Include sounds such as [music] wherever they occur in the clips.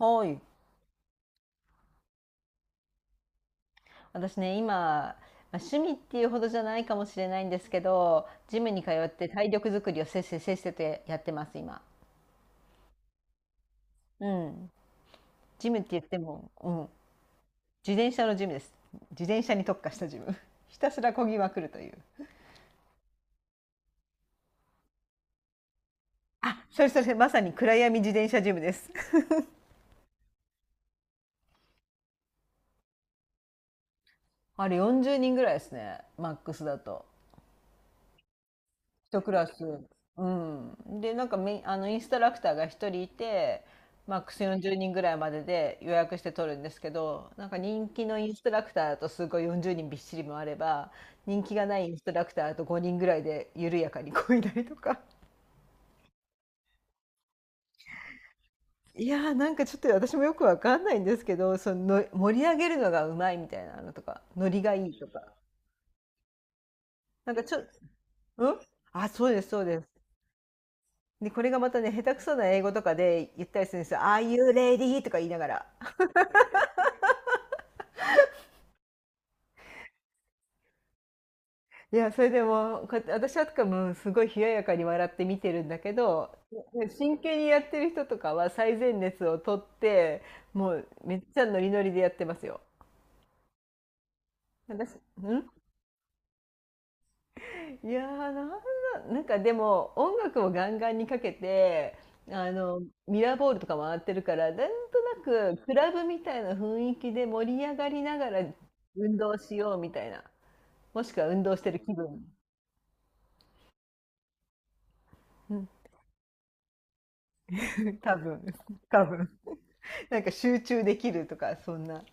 はい。私ね、今、まあ、趣味っていうほどじゃないかもしれないんですけど、ジムに通って体力作りをせっせせっせとやってます、今。うん。ジムって言っても、うん。自転車のジムです。自転車に特化したジム。[laughs] ひたすら漕ぎまくるという。それそれ、まさに暗闇自転車ジムです。[laughs] あれ40人ぐらいですね、マックスだと。一クラス。うん。で、なんかみ、あの、インストラクターが一人いて、マックス40人ぐらいまでで予約して取るんですけど、なんか人気のインストラクターだとすごい40人びっしりもあれば、人気がないインストラクターだと5人ぐらいで緩やかにこいだりとか。いやーなんかちょっと私もよくわかんないんですけど、その盛り上げるのがうまいみたいなのとか、ノリがいいとか。なんかうん、あ、そうです、そうです。で、これがまたね、下手くそな英語とかで言ったりするんですよ。Are you ready? とか言いながら。いや、それでも、こうやって私はとかもすごい冷ややかに笑って見てるんだけど、ね真剣にやってる人とかは最前列を取って、もうめっちゃノリノリでやってますよ。私、んいやー、なんかでも音楽をガンガンにかけて、あの、ミラーボールとか回ってるから、なんとなくクラブみたいな雰囲気で盛り上がりながら運動しようみたいな。もしくは運動してる気分。うん、多分、多分。[laughs] なんか集中できるとか、そんな。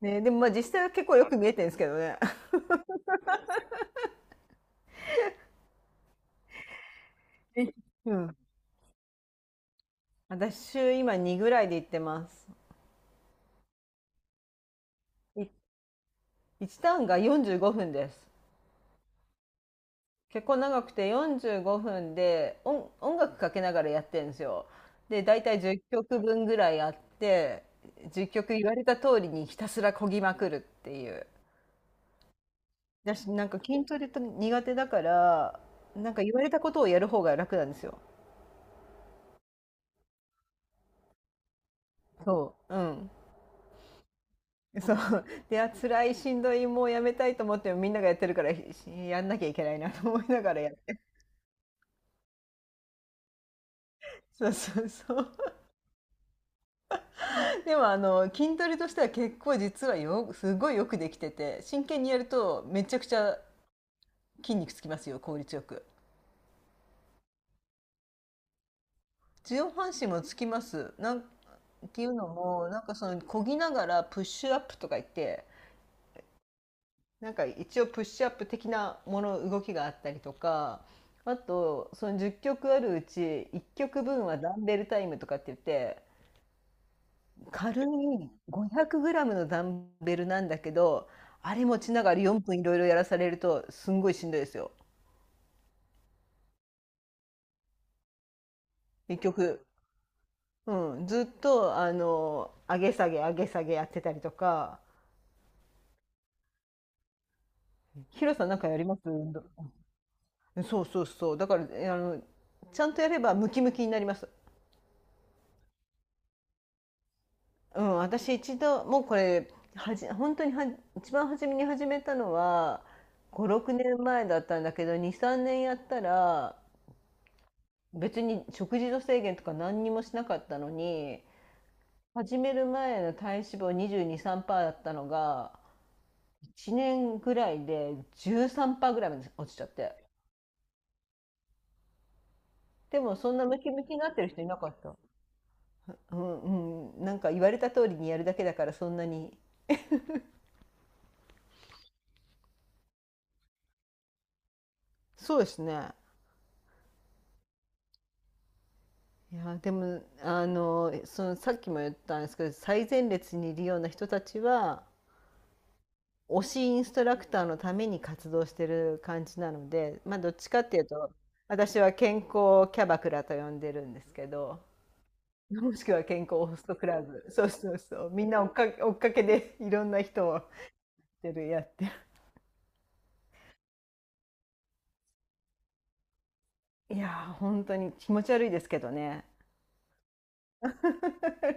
ね、でもまあ実際は結構よく見えてるんですけどね。[laughs] うん。私週今2ぐらいで行ってます。い1ターンが45分です。結構長くて45分で音楽かけながらやってるんですよ。で、大体10曲分ぐらいあって、10曲言われた通りにひたすらこぎまくるっていう。私なんか筋トレと苦手だから、なんか言われたことをやる方が楽なんですよ。そう。うん。[laughs] そうであ辛いしんどいもうやめたいと思ってもみんながやってるからしやんなきゃいけないなと思いながらやって。 [laughs] そうそうそう。 [laughs] でも筋トレとしては結構実はすごいよくできてて、真剣にやるとめちゃくちゃ筋肉つきますよ、効率よく。上半身もつきます。なんっていうのもなんか、その漕ぎながらプッシュアップとか言って、なんか一応プッシュアップ的なもの、動きがあったりとか、あとその10曲あるうち1曲分はダンベルタイムとかって言って、軽い 500g のダンベルなんだけど、あれ持ちながら4分いろいろやらされるとすんごいしんどいですよ。一曲。うん、ずっと上げ下げ上げ下げやってたりとか。ヒロさんなんかやります？運動。そうそうそう。だからあのちゃんとやればムキムキになります。うん、私一度もうこれ本当には一番初めに始めたのは56年前だったんだけど、23年やったら、別に食事の制限とか何にもしなかったのに、始める前の体脂肪2223%だったのが1年ぐらいで13%ぐらいまで落ちちゃって、でもそんなムキムキになってる人いなかった。うんうん、なんか言われた通りにやるだけだからそんなに。そうですね。いやでも、さっきも言ったんですけど、最前列にいるような人たちは推しインストラクターのために活動してる感じなので、まあどっちかっていうと私は健康キャバクラと呼んでるんですけど、もしくは健康ホストクラブ。そうそうそう、みんな追っかけ追っかけでいろんな人をやってるやってる。いやー本当に気持ち悪いですけどね。[laughs]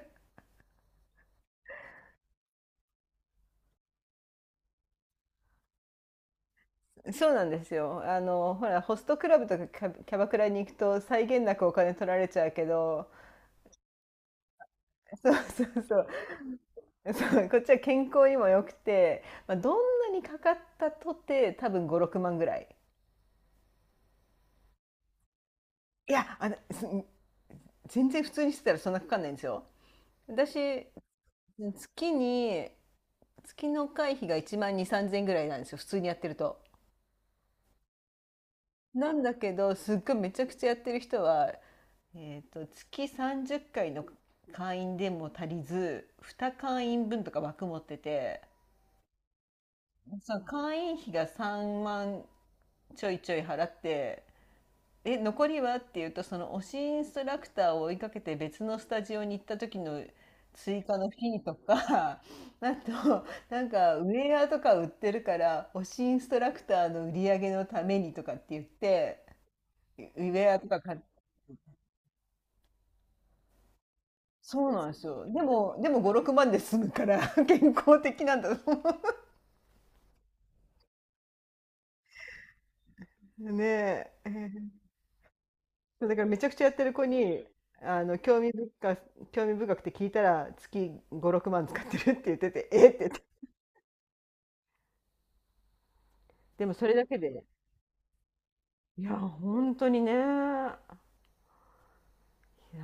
そうなんですよ。あの、ほら、ホストクラブとかキャバクラに行くと際限なくお金取られちゃうけど、そうそうそうそう、こっちは健康にも良くて、まあ、どんなにかかったとて多分56万ぐらい。いや、あのす全然普通にしてたらそんなかかんないんですよ、私。月に月の会費が1万2 3 0 0 0ぐらいなんですよ、普通にやってると。なんだけど、すっごいめちゃくちゃやってる人は、月30回の会員でも足りず、2会員分とか枠持ってて、その会員費が3万ちょいちょい払って、「え、残りは?」って言うと、その推しインストラクターを追いかけて別のスタジオに行った時の追加のフィーとか。 [laughs] あとなんかウェアとか売ってるから推しインストラクターの売り上げのためにとかって言ってウェアとか買って。そうなんですよ。でも5、6万で済むから [laughs] 健康的なんだと思う。ねえ。そうだから、めちゃくちゃやってる子に、あの、興味深くて聞いたら、月5、6万使ってるって言ってて、[laughs] えって言って。でもそれだけで、いや、本当にね、だ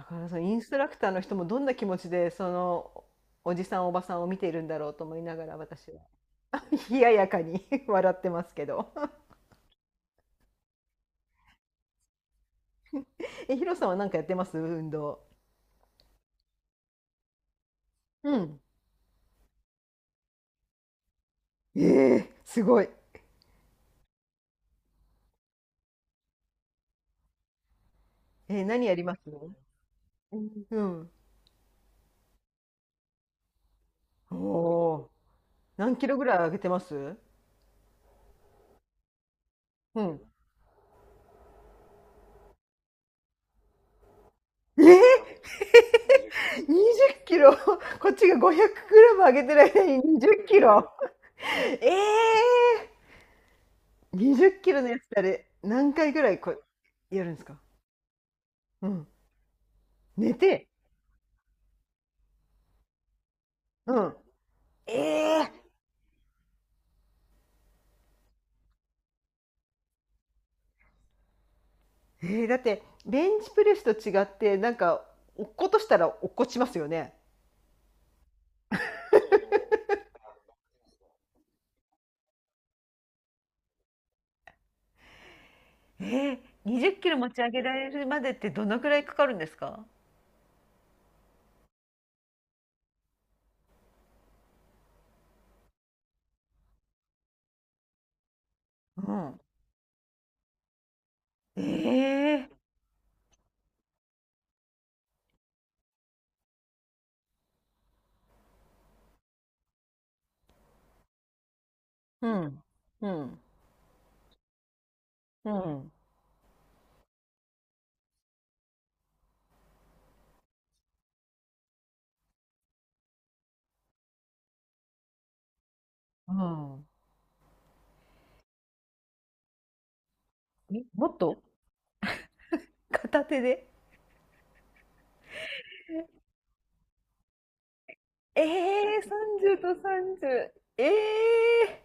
から、そのインストラクターの人もどんな気持ちで、おじさんおばさんを見ているんだろうと思いながら、私は [laughs] 冷ややかに [laughs] 笑ってますけど。ヒロさんは何かやってます？運動。うん。ええ、すごい。何やります？うん、うん。おー、何キロぐらい上げてます？うん。えー、20キロ。 [laughs] こっちが500グラム上げてる間に20キロ。え20キロのやつってあれ何回ぐらいこうやるんですか？うん。寝て。うん。えー、だって、ベンチプレスと違ってなんか落っことしたら落っこちますよね。20キロ持ち上げられるまでってどのくらいかかるんですか？うん。ええー。うんうんうんうん。もっと。片手で。ええー、30と30。ええ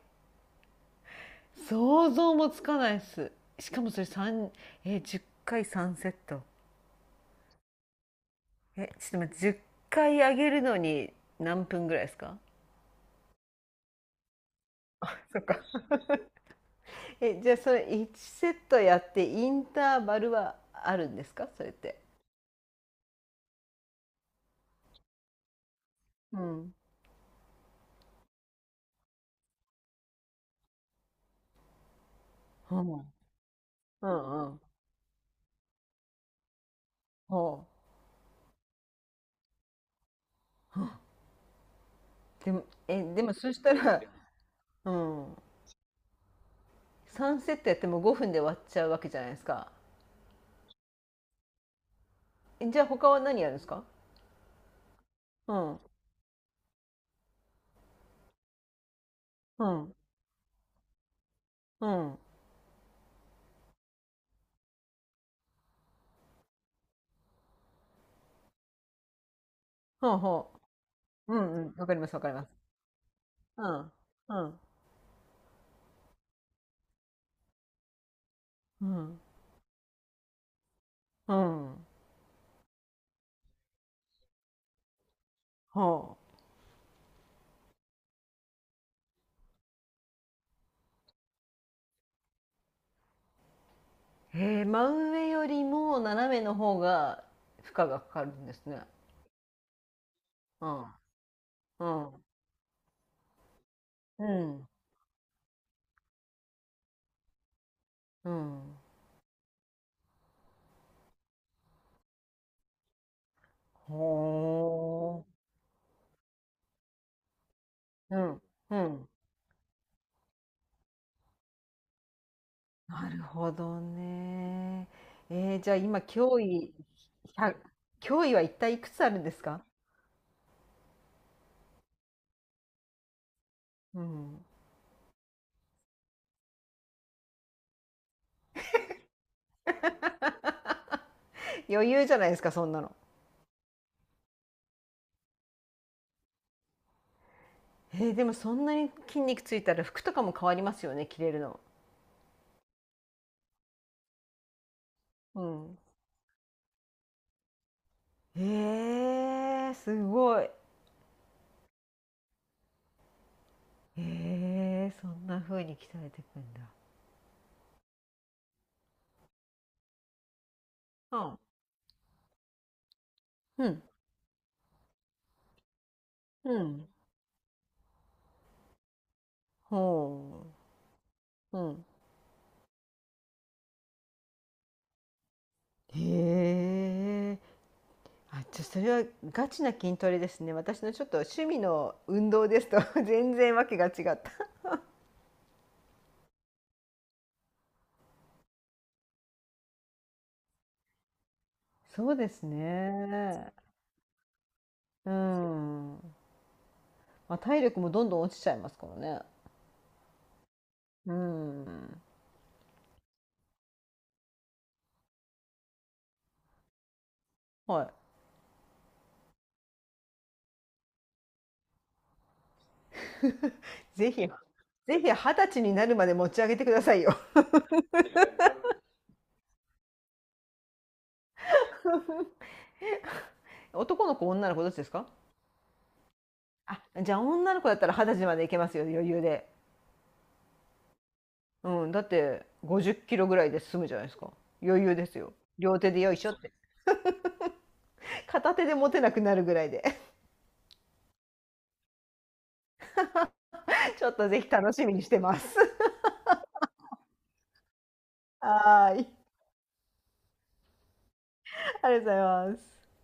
ー、想像もつかないっす。しかもそれ三えー、10回3セット。え、ちょっと待って、10回上げるのに何分ぐらいですか？そっか。え、じゃあそれ1セットやってインターバルはあるんですかそれって。うん。ほう。うんうん。ほう。でもそしたら、うん、3セットやっても5分で終わっちゃうわけじゃないですか。じゃあ他は何やるんですか？うん。うん。うん。ほうほう。うんうん。わかります、わかります。うん。うん。うん。うん。ほう。へえ、真上よりも斜めの方が負荷がかかるんですね。うん。うん。うん。うん。ほう。うん。うん。なるほどね。じゃあ今、1脅威は一体いくつあるんですか？うん。余裕じゃないですか、そんなの。でもそんなに筋肉ついたら服とかも変わりますよね、着れるの。うん。へえ、すごい。へえ、そんな風に鍛えていくんだ。うん。うん。うん。ほううん。へえ。あ、じゃ、それはガチな筋トレですね。私のちょっと趣味の運動ですと [laughs] 全然わけが違った。そうですね。うん。まあ、体力もどんどん落ちちゃいますからね。うん。はい。[laughs] ぜひ、ぜひ二十歳になるまで持ち上げてくださいよ。男の子女の子どっちですか？あ、じゃあ女の子だったら二十歳までいけますよ、余裕で。うん、だって5 0キロぐらいで済むじゃないですか。余裕ですよ、両手でよいしょって。片手で持てなくなるぐらいで。 [laughs] ちょっとぜひ楽しみにしてます。 [laughs] はーい、ありがとうございます。